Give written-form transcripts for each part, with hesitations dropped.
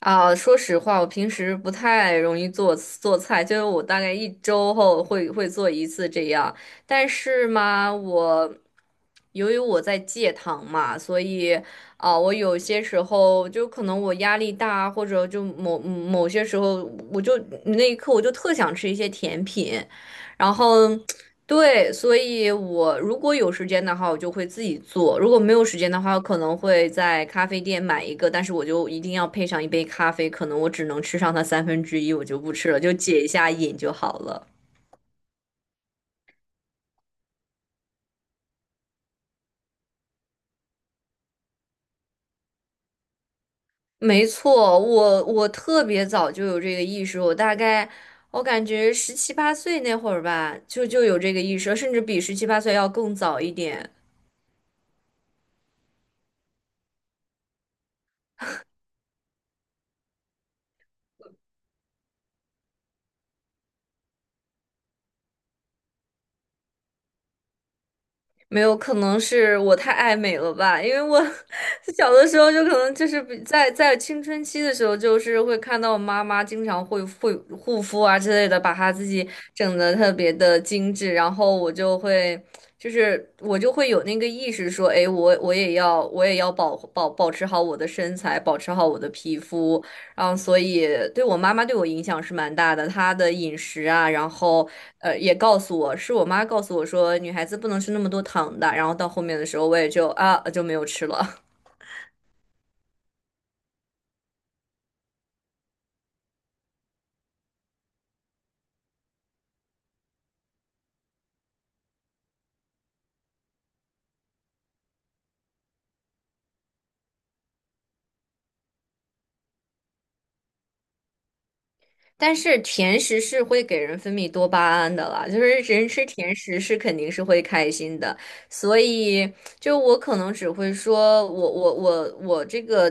说实话，我平时不太容易做菜，就是我大概一周后会做一次这样。但是嘛，由于我在戒糖嘛，所以我有些时候就可能我压力大，或者就某些时候，我就那一刻我就特想吃一些甜品，然后。对，所以我如果有时间的话，我就会自己做；如果没有时间的话，我可能会在咖啡店买一个，但是我就一定要配上一杯咖啡，可能我只能吃上它1/3，我就不吃了，就解一下瘾就好了。没错，我特别早就有这个意识，我大概我感觉十七八岁那会儿吧，就有这个意识，甚至比十七八岁要更早一点。没有，可能是我太爱美了吧，因为我 小的时候就可能就是比在青春期的时候，就是会看到我妈妈经常会护肤啊之类的，把她自己整的特别的精致，然后我就会就是我就会有那个意识说，哎，我也要保持好我的身材，保持好我的皮肤，然后所以对我妈妈对我影响是蛮大的，她的饮食啊，然后呃，也告诉我，是我妈告诉我说，女孩子不能吃那么多糖的。然后到后面的时候，我也就就没有吃了。但是甜食是会给人分泌多巴胺的啦，就是人吃甜食是肯定是会开心的。所以就我可能只会说我这个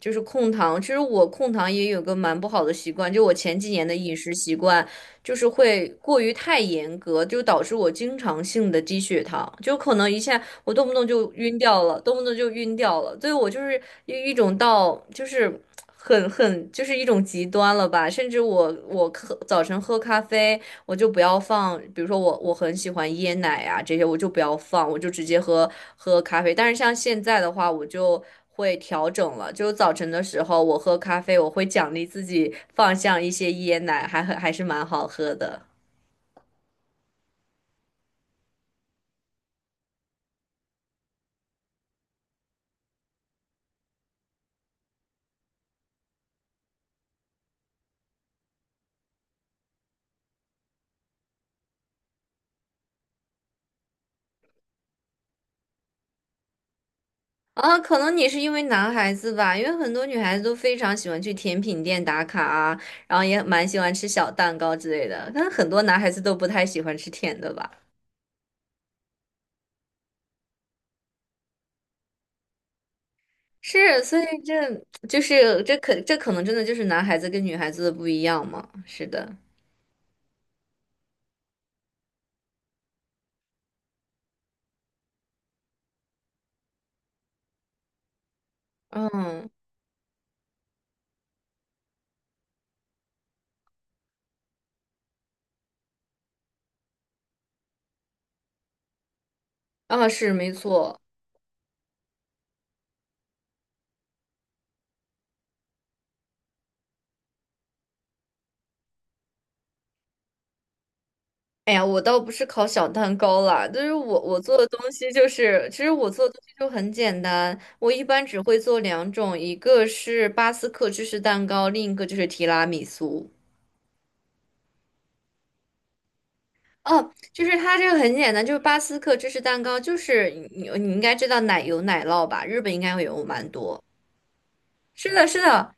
就是控糖，其实我控糖也有个蛮不好的习惯，就我前几年的饮食习惯。就是会过于太严格，就导致我经常性的低血糖，就可能一下我动不动就晕掉了，动不动就晕掉了，所以我就是一种到就是很就是一种极端了吧，甚至我早晨喝咖啡，我就不要放，比如说我很喜欢椰奶啊这些，我就不要放，我就直接喝咖啡，但是像现在的话，我就会调整了。就早晨的时候，我喝咖啡，我会奖励自己放上一些椰奶，还是蛮好喝的。啊，可能你是因为男孩子吧，因为很多女孩子都非常喜欢去甜品店打卡啊，然后也蛮喜欢吃小蛋糕之类的，但很多男孩子都不太喜欢吃甜的吧。是，所以这可能真的就是男孩子跟女孩子的不一样嘛。是的，嗯，啊，是没错。哎呀，我倒不是烤小蛋糕啦，就是我我做的东西就是，其实我做的东西就很简单，我一般只会做两种，一个是巴斯克芝士蛋糕，另一个就是提拉米苏。哦，就是它这个很简单，就是巴斯克芝士蛋糕，就是你应该知道奶油奶酪吧，日本应该会有蛮多。是的，是的，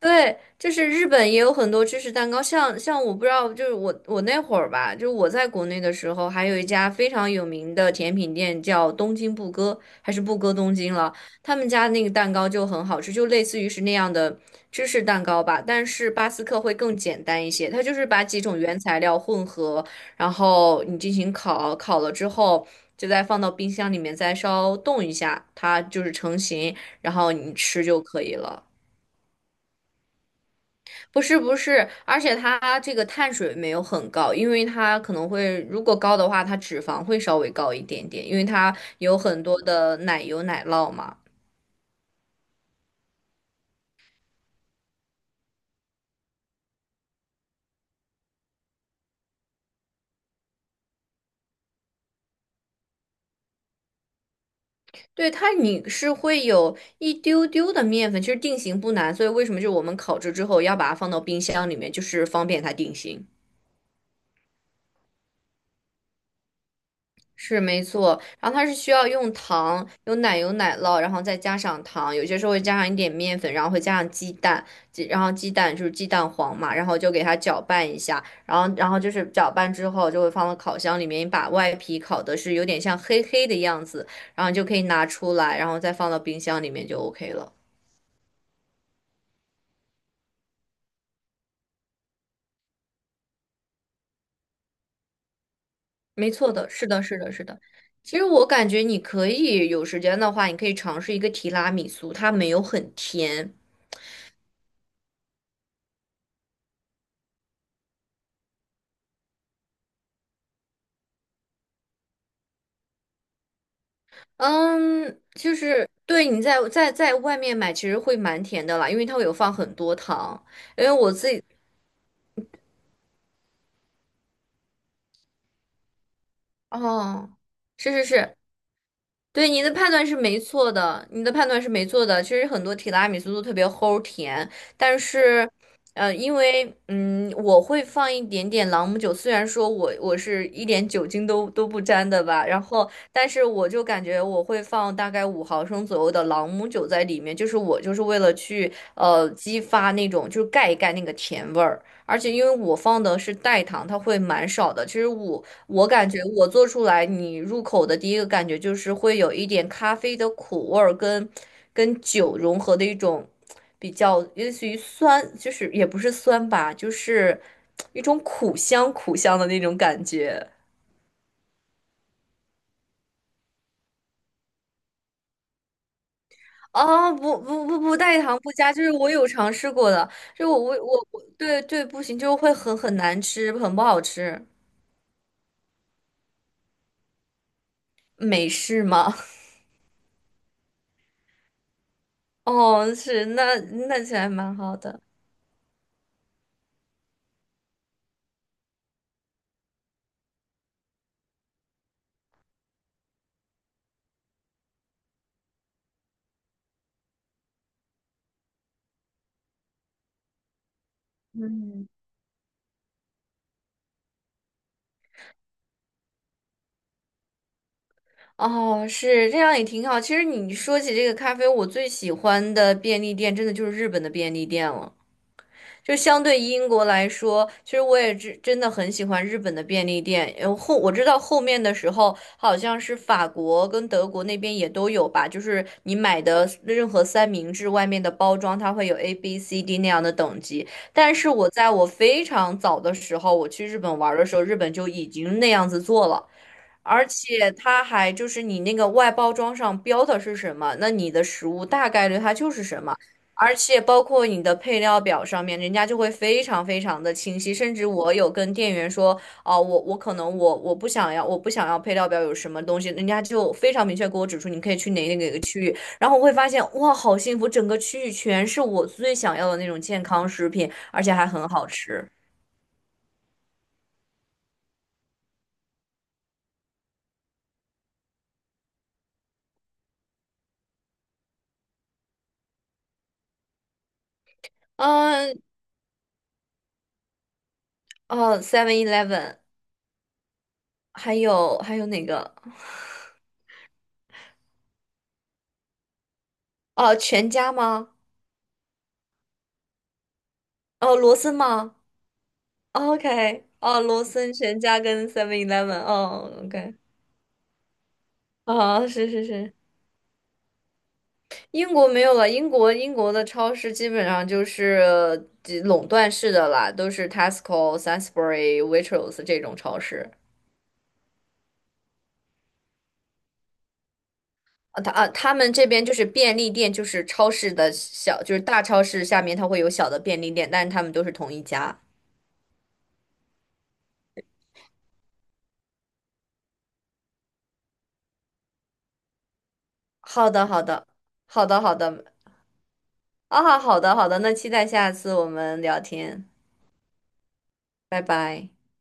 对，就是日本也有很多芝士蛋糕，像我不知道，就是我那会儿吧，就是我在国内的时候，还有一家非常有名的甜品店叫东京布歌，还是布歌东京了，他们家那个蛋糕就很好吃，就类似于是那样的芝士蛋糕吧，但是巴斯克会更简单一些，它就是把几种原材料混合，然后你进行烤，烤了之后，就再放到冰箱里面，再稍冻一下，它就是成型，然后你吃就可以了。不是不是，而且它这个碳水没有很高，因为它可能会，如果高的话，它脂肪会稍微高一点点，因为它有很多的奶油奶酪嘛。对，你是会有一丢丢的面粉，其实定型不难，所以为什么就是我们烤制之后要把它放到冰箱里面，就是方便它定型。是没错，然后它是需要用糖、有奶油、奶酪，然后再加上糖，有些时候会加上一点面粉，然后会加上鸡蛋，然后鸡蛋就是鸡蛋黄嘛，然后就给它搅拌一下，然后就是搅拌之后就会放到烤箱里面，把外皮烤的是有点像黑黑的样子，然后你就可以拿出来，然后再放到冰箱里面就 OK 了。没错的，是的，是的，是的。其实我感觉你可以有时间的话，你可以尝试一个提拉米苏，它没有很甜。嗯，就是对你在外面买，其实会蛮甜的啦，因为它会有放很多糖。因为我自己，哦，是是是，对，你的判断是没错的，你的判断是没错的。其实很多提拉米苏都特别齁甜，但是，因为我会放一点点朗姆酒，虽然说我是一点酒精都不沾的吧，然后，但是我就感觉我会放大概5毫升左右的朗姆酒在里面，就是我就是为了去激发那种就是盖一盖那个甜味儿。而且因为我放的是代糖，它会蛮少的。其实我感觉我做出来，你入口的第一个感觉就是会有一点咖啡的苦味儿跟酒融合的一种比较类似于酸，就是也不是酸吧，就是一种苦香苦香的那种感觉。啊，不不不不带糖不加，就是我有尝试过的，就是我对不行，就是会很难吃，很不好吃。美式吗？哦，是，那其实还蛮好的。嗯。哦，是这样也挺好。其实你说起这个咖啡，我最喜欢的便利店真的就是日本的便利店了。就相对英国来说，其实我也真的很喜欢日本的便利店。我知道后面的时候，好像是法国跟德国那边也都有吧。就是你买的任何三明治外面的包装，它会有 A、B、C、D 那样的等级。但是我非常早的时候，我去日本玩儿的时候，日本就已经那样子做了。而且它还就是你那个外包装上标的是什么，那你的食物大概率它就是什么。而且包括你的配料表上面，人家就会非常非常的清晰。甚至我有跟店员说，哦，我不想要配料表有什么东西，人家就非常明确给我指出，你可以去哪个区域。然后我会发现，哇，好幸福，整个区域全是我最想要的那种健康食品，而且还很好吃。嗯，哦，Seven Eleven。还有哪个？哦，全家吗？哦，罗森吗？哦，OK，哦，罗森、全家跟 Seven Eleven，哦，OK，哦，是是是，英国没有了，英国的超市基本上就是垄断式的啦，都是 Tesco、Sainsbury、Waitrose 这种超市。啊，他们这边就是便利店，就是超市的小，就是大超市下面它会有小的便利店，但是他们都是同一家。好的，好的，好的，好的，好的好的，那期待下次我们聊天，拜拜。